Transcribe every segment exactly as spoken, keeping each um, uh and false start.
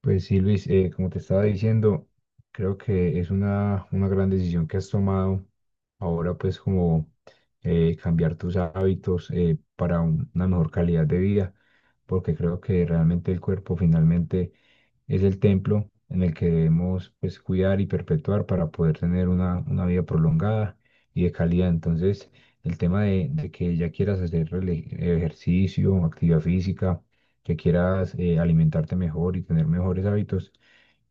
Pues sí, Luis, eh, como te estaba diciendo, creo que es una, una gran decisión que has tomado ahora, pues como eh, cambiar tus hábitos eh, para un- una mejor calidad de vida, porque creo que realmente el cuerpo finalmente es el templo en el que debemos pues, cuidar y perpetuar para poder tener una, una vida prolongada y de calidad. Entonces, el tema de, de que ya quieras hacer rele- ejercicio, actividad física, que quieras eh, alimentarte mejor y tener mejores hábitos,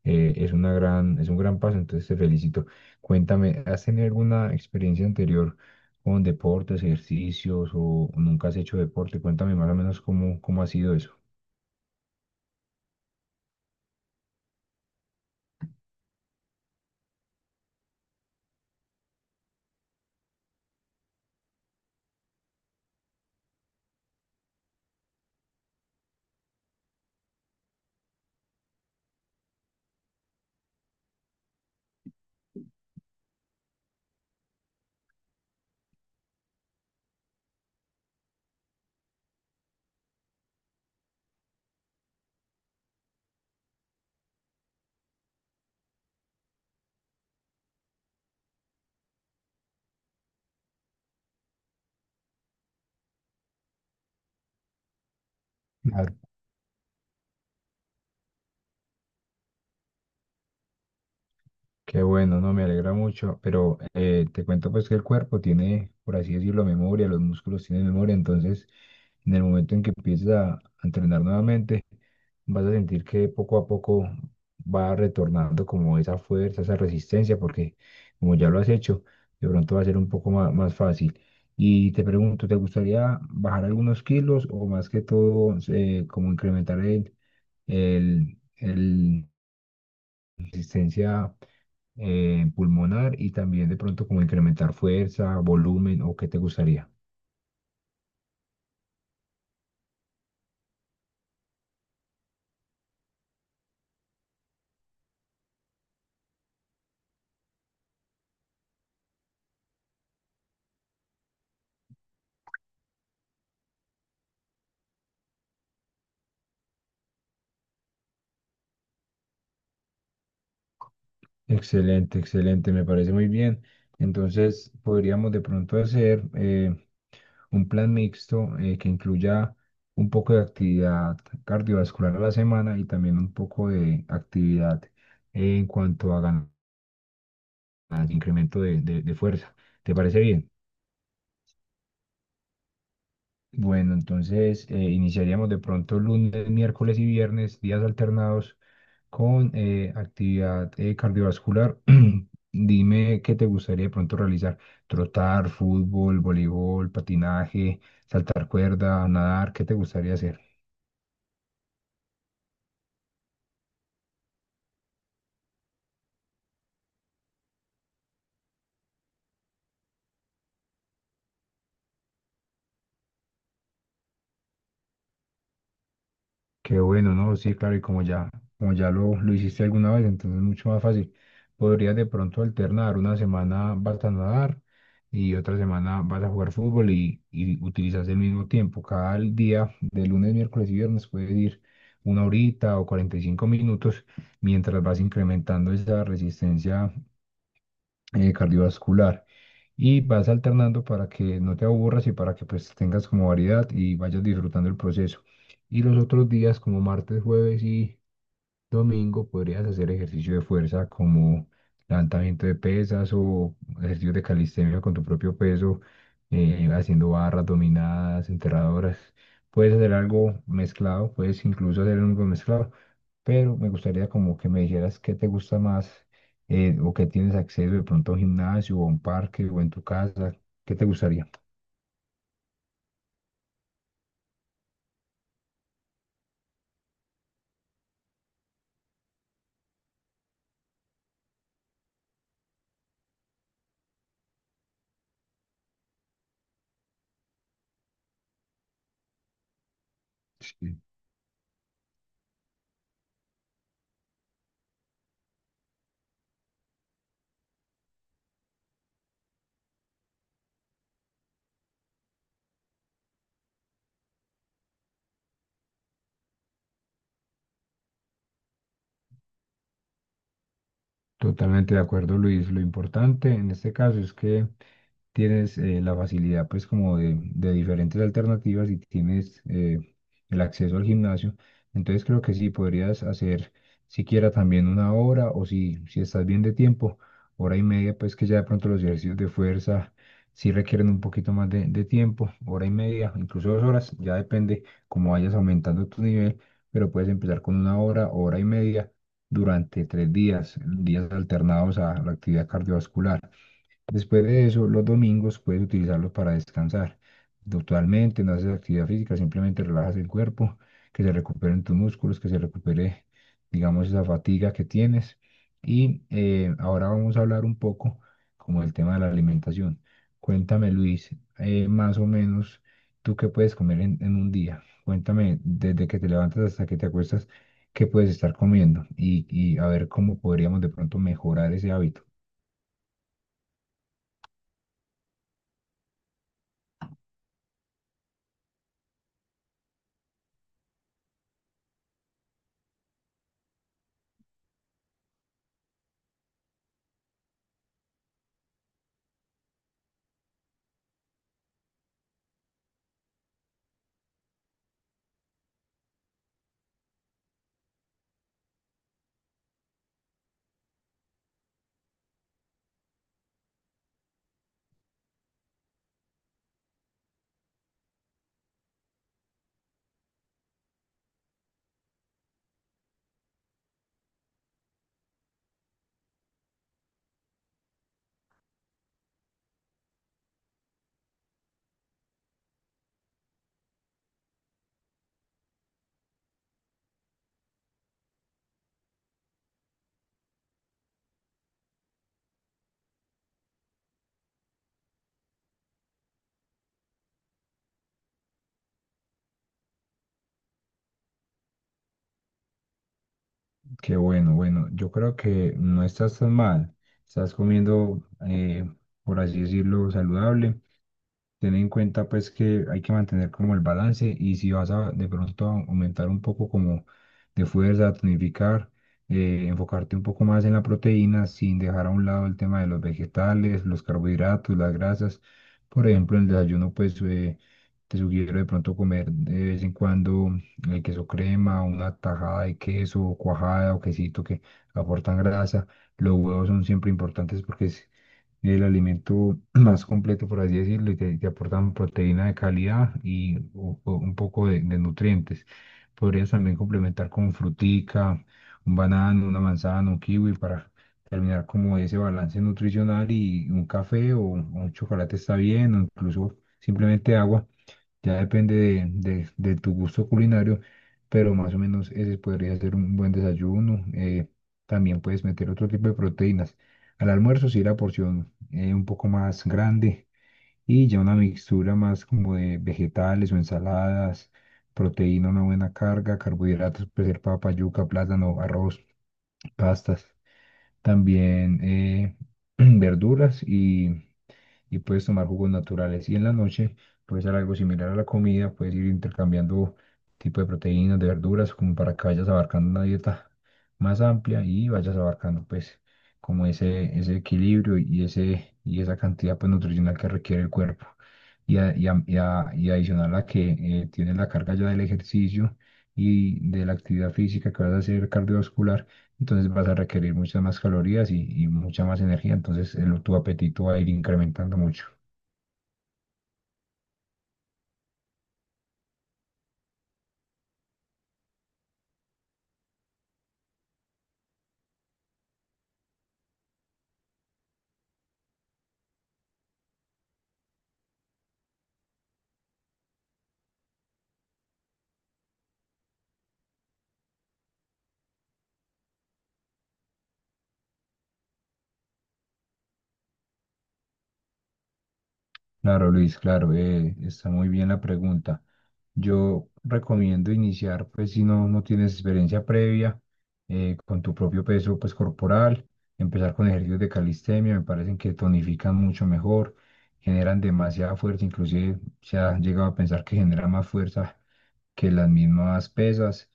eh, es una gran, es un gran paso, entonces te felicito. Cuéntame, ¿has tenido alguna experiencia anterior con deportes, ejercicios o nunca has hecho deporte? Cuéntame más o menos cómo, cómo ha sido eso. Qué bueno, no me alegra mucho, pero eh, te cuento pues que el cuerpo tiene, por así decirlo, memoria, los músculos tienen memoria, entonces en el momento en que empieces a a entrenar nuevamente, vas a sentir que poco a poco va retornando como esa fuerza, esa resistencia, porque como ya lo has hecho, de pronto va a ser un poco ma- más, fácil. Y te pregunto, ¿te gustaría bajar algunos kilos o más que todo eh, como incrementar el, el, el la resistencia eh, pulmonar? Y también de pronto como incrementar fuerza, volumen o qué te gustaría. Excelente, excelente, me parece muy bien. Entonces podríamos de pronto hacer eh, un plan mixto eh, que incluya un poco de actividad cardiovascular a la semana y también un poco de actividad en cuanto a ganar incremento de de- de fuerza. ¿Te parece bien? Bueno, entonces eh, iniciaríamos de pronto lunes, miércoles y viernes, días alternados con eh, actividad eh, cardiovascular. Dime qué te gustaría de pronto realizar. Trotar, fútbol, voleibol, patinaje, saltar cuerda, nadar, ¿qué te gustaría hacer? Qué bueno, ¿no? Sí, claro, y como ya, como ya lo, lo hiciste alguna vez, entonces es mucho más fácil. Podrías de pronto alternar, una semana vas a nadar y otra semana vas a jugar fútbol y, y utilizas el mismo tiempo. Cada día, de lunes, miércoles y viernes, puedes ir una horita o cuarenta y cinco minutos mientras vas incrementando esa resistencia eh, cardiovascular y vas alternando para que no te aburras y para que pues tengas como variedad y vayas disfrutando el proceso. Y los otros días, como martes, jueves y domingo podrías hacer ejercicio de fuerza como levantamiento de pesas o ejercicios de calistenia con tu propio peso, eh, haciendo barras dominadas, enterradoras. Puedes hacer algo mezclado, puedes incluso hacer algo mezclado, pero me gustaría como que me dijeras qué te gusta más eh, o qué tienes acceso de pronto a un gimnasio o a un parque o en tu casa, ¿qué te gustaría? Sí, totalmente de acuerdo, Luis. Lo importante en este caso es que tienes eh, la facilidad pues como de, de diferentes alternativas y tienes eh, el acceso al gimnasio. Entonces creo que sí, podrías hacer siquiera también una hora o si, si estás bien de tiempo, hora y media, pues que ya de pronto los ejercicios de fuerza sí requieren un poquito más de, de tiempo, hora y media, incluso dos horas, ya depende cómo vayas aumentando tu nivel, pero puedes empezar con una hora, hora y media durante tres días, días alternados a la actividad cardiovascular. Después de eso, los domingos puedes utilizarlos para descansar. Totalmente, no haces actividad física, simplemente relajas el cuerpo, que se recuperen tus músculos, que se recupere, digamos, esa fatiga que tienes. Y eh, ahora vamos a hablar un poco como el tema de la alimentación. Cuéntame, Luis, eh, más o menos, ¿tú qué puedes comer en, en un día? Cuéntame, desde que te levantas hasta que te acuestas, ¿qué puedes estar comiendo? Y, y a ver cómo podríamos de pronto mejorar ese hábito. Qué bueno, bueno, yo creo que no estás tan mal. Estás comiendo, eh, por así decirlo, saludable. Ten en cuenta pues que hay que mantener como el balance y si vas a de pronto a aumentar un poco como de fuerza, tonificar, eh, enfocarte un poco más en la proteína sin dejar a un lado el tema de los vegetales, los carbohidratos, las grasas. Por ejemplo, en el desayuno pues eh, te sugiero de pronto comer de vez en cuando el queso crema, una tajada de queso, cuajada o quesito que aportan grasa. Los huevos son siempre importantes porque el alimento más completo, por así decirlo, y te, te aportan proteína de calidad y u- u- un poco de, de nutrientes. Podrías también complementar con frutica, un banano, una manzana, un kiwi para terminar como ese balance nutricional y un café o un un chocolate está bien, o incluso simplemente agua. Ya depende de, de- de tu gusto culinario, pero más o menos ese podría ser un buen desayuno. Eh, también puedes meter otro tipo de proteínas. Al almuerzo sí la porción eh, un poco más grande y ya una mixtura más como de vegetales o ensaladas, proteína, una buena carga, carbohidratos, puede ser papa, yuca, plátano, arroz, pastas, también eh, verduras y puedes tomar jugos naturales. Y en la noche puedes hacer algo similar a la comida, puedes ir intercambiando tipo de proteínas, de verduras, como para que vayas abarcando una dieta más amplia y vayas abarcando pues como ese, ese equilibrio y, ese, y esa cantidad pues, nutricional que requiere el cuerpo. Y, a- y, a- y, a- y adicional a que eh, tienes la carga ya del ejercicio y de la actividad física que vas a hacer cardiovascular entonces vas a requerir muchas más calorías y, y mucha más energía, entonces el- tu apetito va a ir incrementando mucho. Claro, Luis, claro, eh, está muy bien la pregunta. Yo recomiendo iniciar, pues si no, no tienes experiencia previa, eh, con tu propio peso, pues corporal, empezar con ejercicios de calistenia, me parecen que tonifican mucho mejor, generan demasiada fuerza, inclusive se ha llegado a pensar que genera más fuerza que las mismas pesas.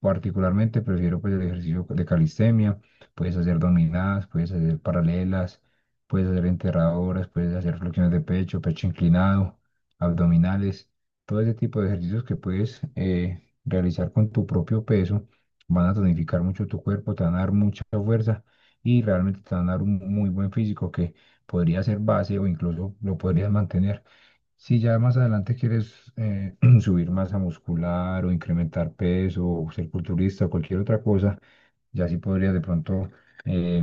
Particularmente prefiero pues el ejercicio de calistenia, puedes hacer dominadas, puedes hacer paralelas, puedes hacer enterradoras, puedes hacer flexiones de pecho, pecho inclinado, abdominales, todo ese tipo de ejercicios que puedes eh, realizar con tu propio peso van a tonificar mucho tu cuerpo, te van a dar mucha fuerza y realmente te van a dar un muy buen físico que podría ser base o incluso lo podrías mantener. Si ya más adelante quieres eh, subir masa muscular o incrementar peso o ser culturista o cualquier otra cosa, ya sí podrías de pronto eh,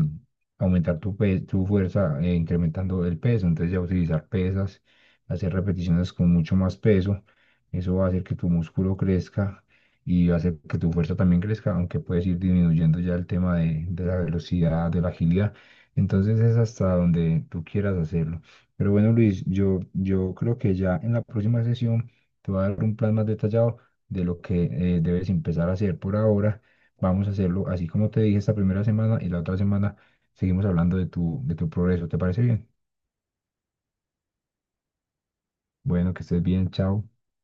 aumentar tu, pe- tu fuerza eh, incrementando el peso. Entonces ya utilizar pesas, hacer repeticiones con mucho más peso. Eso va a hacer que tu músculo crezca y va a hacer que tu fuerza también crezca, aunque puedes ir disminuyendo ya el tema de, de la velocidad, de la agilidad. Entonces es hasta donde tú quieras hacerlo. Pero bueno, Luis, yo, yo creo que ya en la próxima sesión te voy a dar un plan más detallado de lo que eh, debes empezar a hacer por ahora. Vamos a hacerlo así como te dije esta primera semana y la otra semana seguimos hablando de tu, de tu progreso. ¿Te parece bien? Bueno, que estés bien, chao.